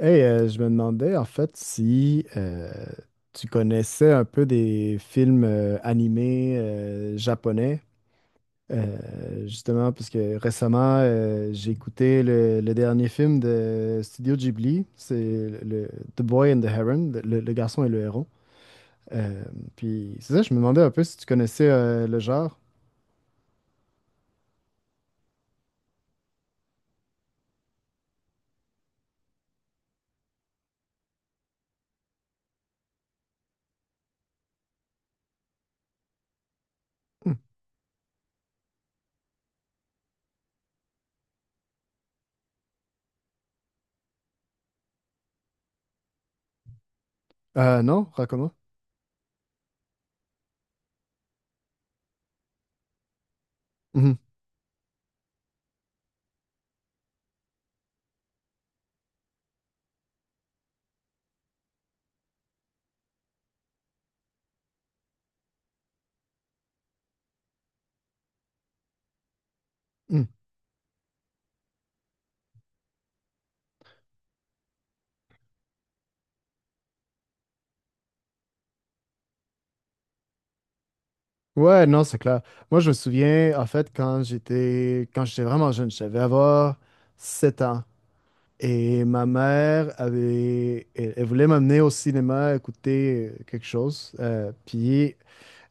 Hey, je me demandais en fait si tu connaissais un peu des films animés japonais. Justement parce que récemment j'ai écouté le dernier film de Studio Ghibli, c'est le, le- The Boy and the Heron, le garçon et le héron. Euh, Puis c'est ça, je me demandais un peu si tu connaissais le genre. Hmm. Non, raconte-moi. Mhm. Hmm. Ouais, non, c'est clair. Moi, je me souviens, en fait, quand j'étais vraiment jeune, je devais avoir 7 ans. Et ma mère elle voulait m'amener au cinéma écouter quelque chose. Puis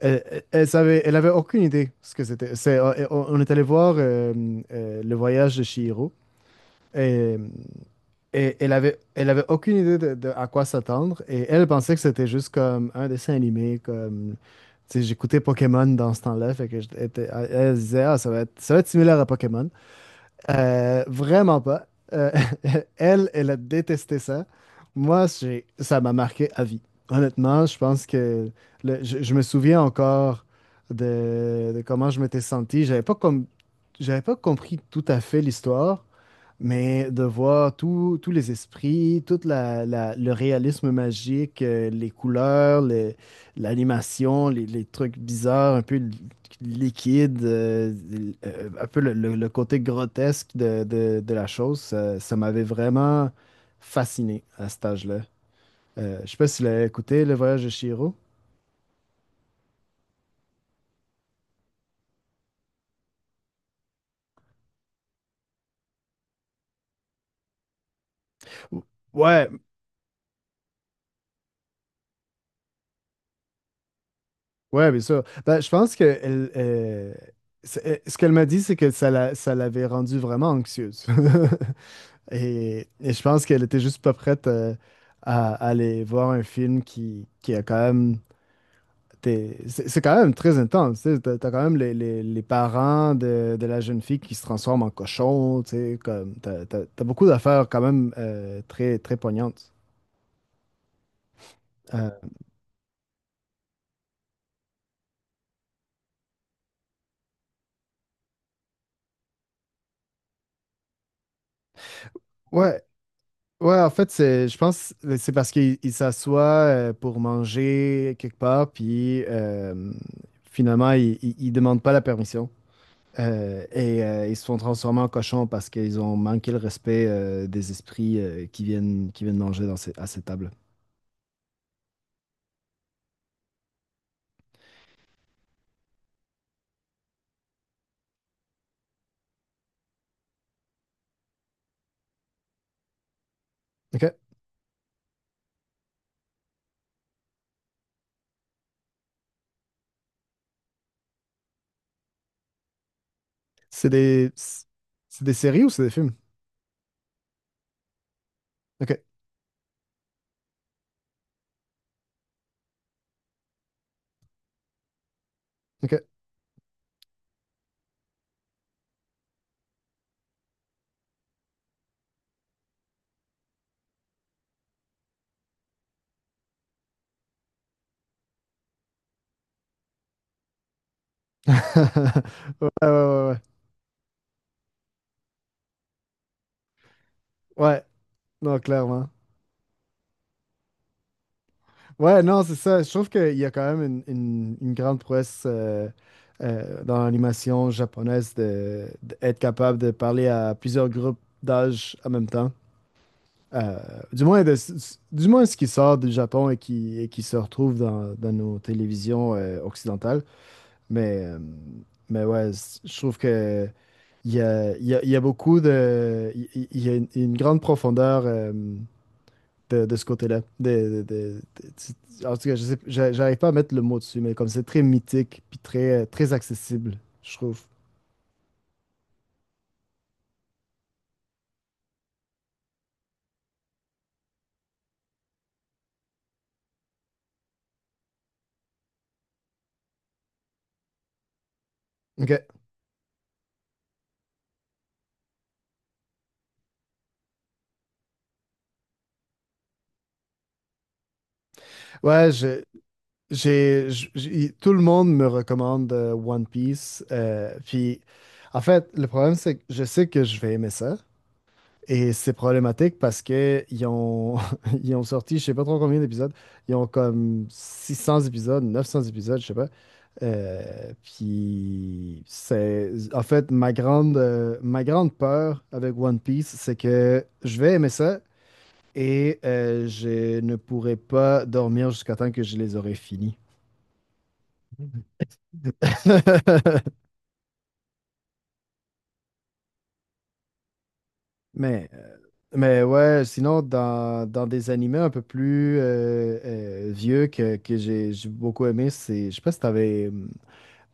elle savait, elle avait aucune idée ce que c'était. On est allé voir Le Voyage de Chihiro. et et elle avait aucune idée de à quoi s'attendre. Et elle pensait que c'était juste comme un dessin animé, comme. Tu sais, j'écoutais Pokémon dans ce temps-là, fait que elle se disait, ah, ça va être similaire à Pokémon. Vraiment pas. Euh, elle a détesté ça. Moi, ça m'a marqué à vie. Honnêtement, je pense que je me souviens encore de comment je m'étais senti. J'avais pas compris tout à fait l'histoire, mais de voir tous les esprits, tout le réalisme magique, les couleurs, l'animation, les trucs bizarres, un peu liquides, un peu le côté grotesque de la chose, ça m'avait vraiment fasciné à cet âge-là. Je sais pas si tu l'as écouté, Le Voyage de Chihiro. Ouais. Ouais, bien sûr. Ben, je pense que ce qu'elle m'a dit, c'est que ça l'avait rendue vraiment anxieuse. Et je pense qu'elle était juste pas prête aller voir un film qui a quand même. C'est quand même très intense. Tu sais, t'as quand même les parents de la jeune fille qui se transforment en cochon. Tu sais, comme, t'as beaucoup d'affaires quand même très, très poignantes. Euh, ouais. Ouais, en fait, c'est, je pense que c'est parce qu'il il s'assoit pour manger quelque part, puis finalement, il demande pas la permission. Et ils se font transformer en cochons parce qu'ils ont manqué le respect des esprits qui viennent manger à ces tables. OK. C'est des, c'est des séries ou c'est des films? OK. OK. Ouais, ouais, ouais, ouais. Ouais, non, clairement. Ouais, non, c'est ça. Je trouve qu'il y a quand même une grande prouesse dans l'animation japonaise d'être capable de parler à plusieurs groupes d'âge en même temps. Euh, du moins, du moins ce qui sort du Japon et qui se retrouve dans nos télévisions occidentales. Mais, euh, mais ouais, je trouve que il y a beaucoup de. Il y a une grande profondeur. De ce côté-là. En tout cas, je sais, j'arrive pas à mettre le mot dessus, mais comme c'est très mythique puis très accessible, je trouve. Ok. Ouais, tout le monde me recommande One Piece. Puis, en fait, le problème, c'est que je sais que je vais aimer ça. Et c'est problématique parce que ils ont sorti, je sais pas trop combien d'épisodes, ils ont comme 600 épisodes, 900 épisodes, je sais pas. Puis c'est, en fait, ma grande peur avec One Piece, c'est que je vais aimer ça et je ne pourrai pas dormir jusqu'à temps que je les aurai finis. Mais, euh, mais ouais, sinon, dans des animés un peu plus vieux que j'ai beaucoup aimé, c'est, je sais pas si t'avais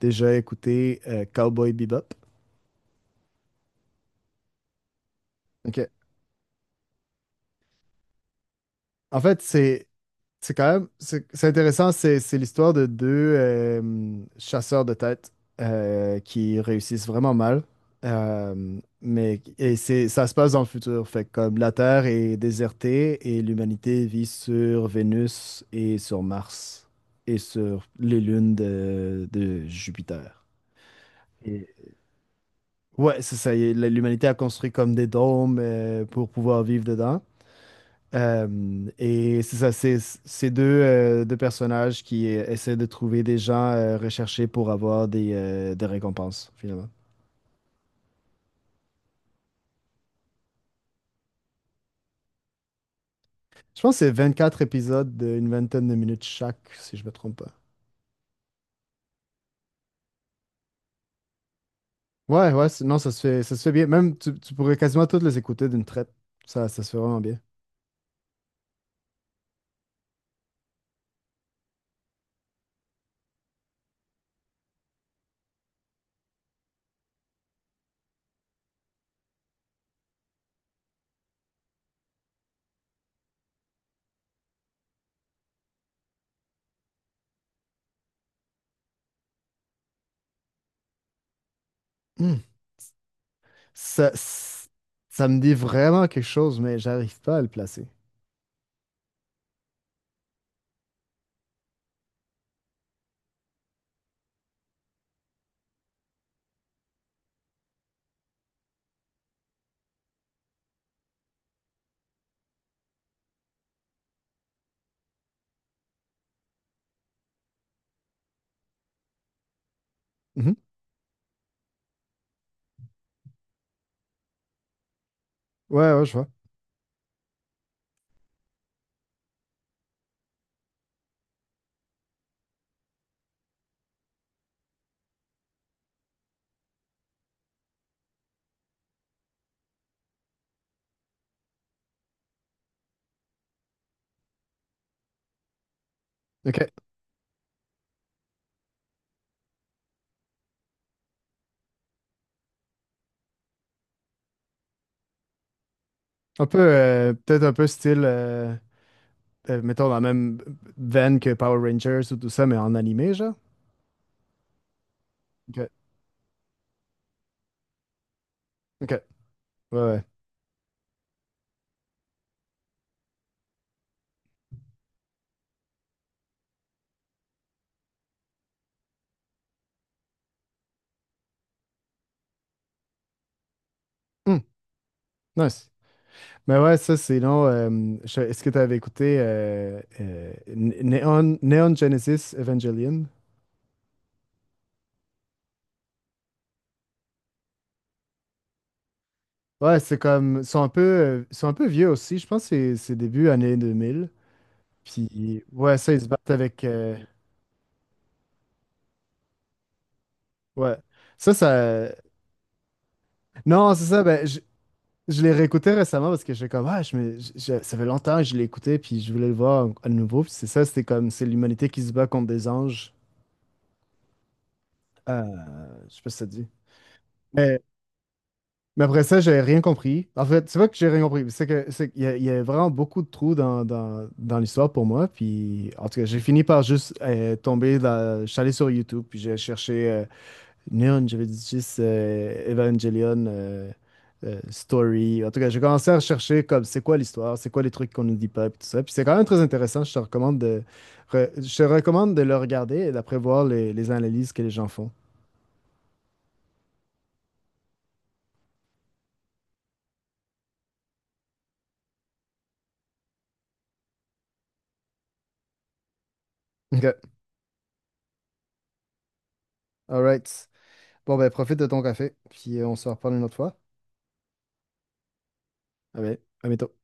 déjà écouté Cowboy Bebop. Ok. En fait, c'est intéressant, c'est l'histoire de deux chasseurs de têtes qui réussissent vraiment mal. Mais et c'est Ça se passe dans le futur, fait que comme la Terre est désertée et l'humanité vit sur Vénus et sur Mars et sur les lunes de Jupiter. Et- ouais, c'est ça. Y est, L'humanité a construit comme des dômes pour pouvoir vivre dedans. Et c'est ça, deux personnages qui essaient de trouver des gens recherchés pour avoir des récompenses, finalement. Je pense que c'est quatre épisodes d'une vingtaine de minutes chaque, si je me trompe pas. Ouais, ouais, non, ça se fait bien. Même, tu pourrais quasiment toutes les écouter d'une traite. Ça se fait vraiment bien. Hmm. Ça, c- Ça me dit vraiment quelque chose, mais j'arrive pas à le placer. Mhm. Ouais, ouais, je vois. OK. Un peu, peut-être un peu style. Mettons, dans la même veine que Power Rangers ou tout ça, mais en animé, genre? Ok. Ok. Ouais, ouais. Hmm, nice. Mais ouais, ça, sinon, est-ce que tu avais écouté Neon Genesis Evangelion? Ouais, c'est comme, ils sont un peu vieux aussi. Je pense que c'est début années 2000. Puis, ouais, ça, ils se battent avec. Ouais. Ça, ça. Non, c'est ça. Ben, je l'ai réécouté récemment parce que j'ai comme, ah, je me- je- ça fait longtemps que je l'ai écouté, puis je voulais le voir à nouveau. Puis c'est ça, c'était comme, c'est l'humanité qui se bat contre des anges. Euh, je sais pas si ça te dit. Mais, mais après ça, j'ai rien compris. En fait, c'est pas que j'ai rien compris, c'est qu'il y a vraiment beaucoup de trous dans l'histoire pour moi. Puis, en tout cas, j'ai fini par juste je suis allé sur YouTube, puis j'ai cherché non, j'avais dit juste Evangelion Story. En tout cas, j'ai commencé à rechercher comme c'est quoi l'histoire, c'est quoi les trucs qu'on nous dit pas, puis tout ça. Puis c'est quand même très intéressant. Je te recommande de le regarder et d'après voir les analyses que les gens font. OK. All right. Bon, ben, profite de ton café, puis on se reparle une autre fois. Ah ben, à bientôt.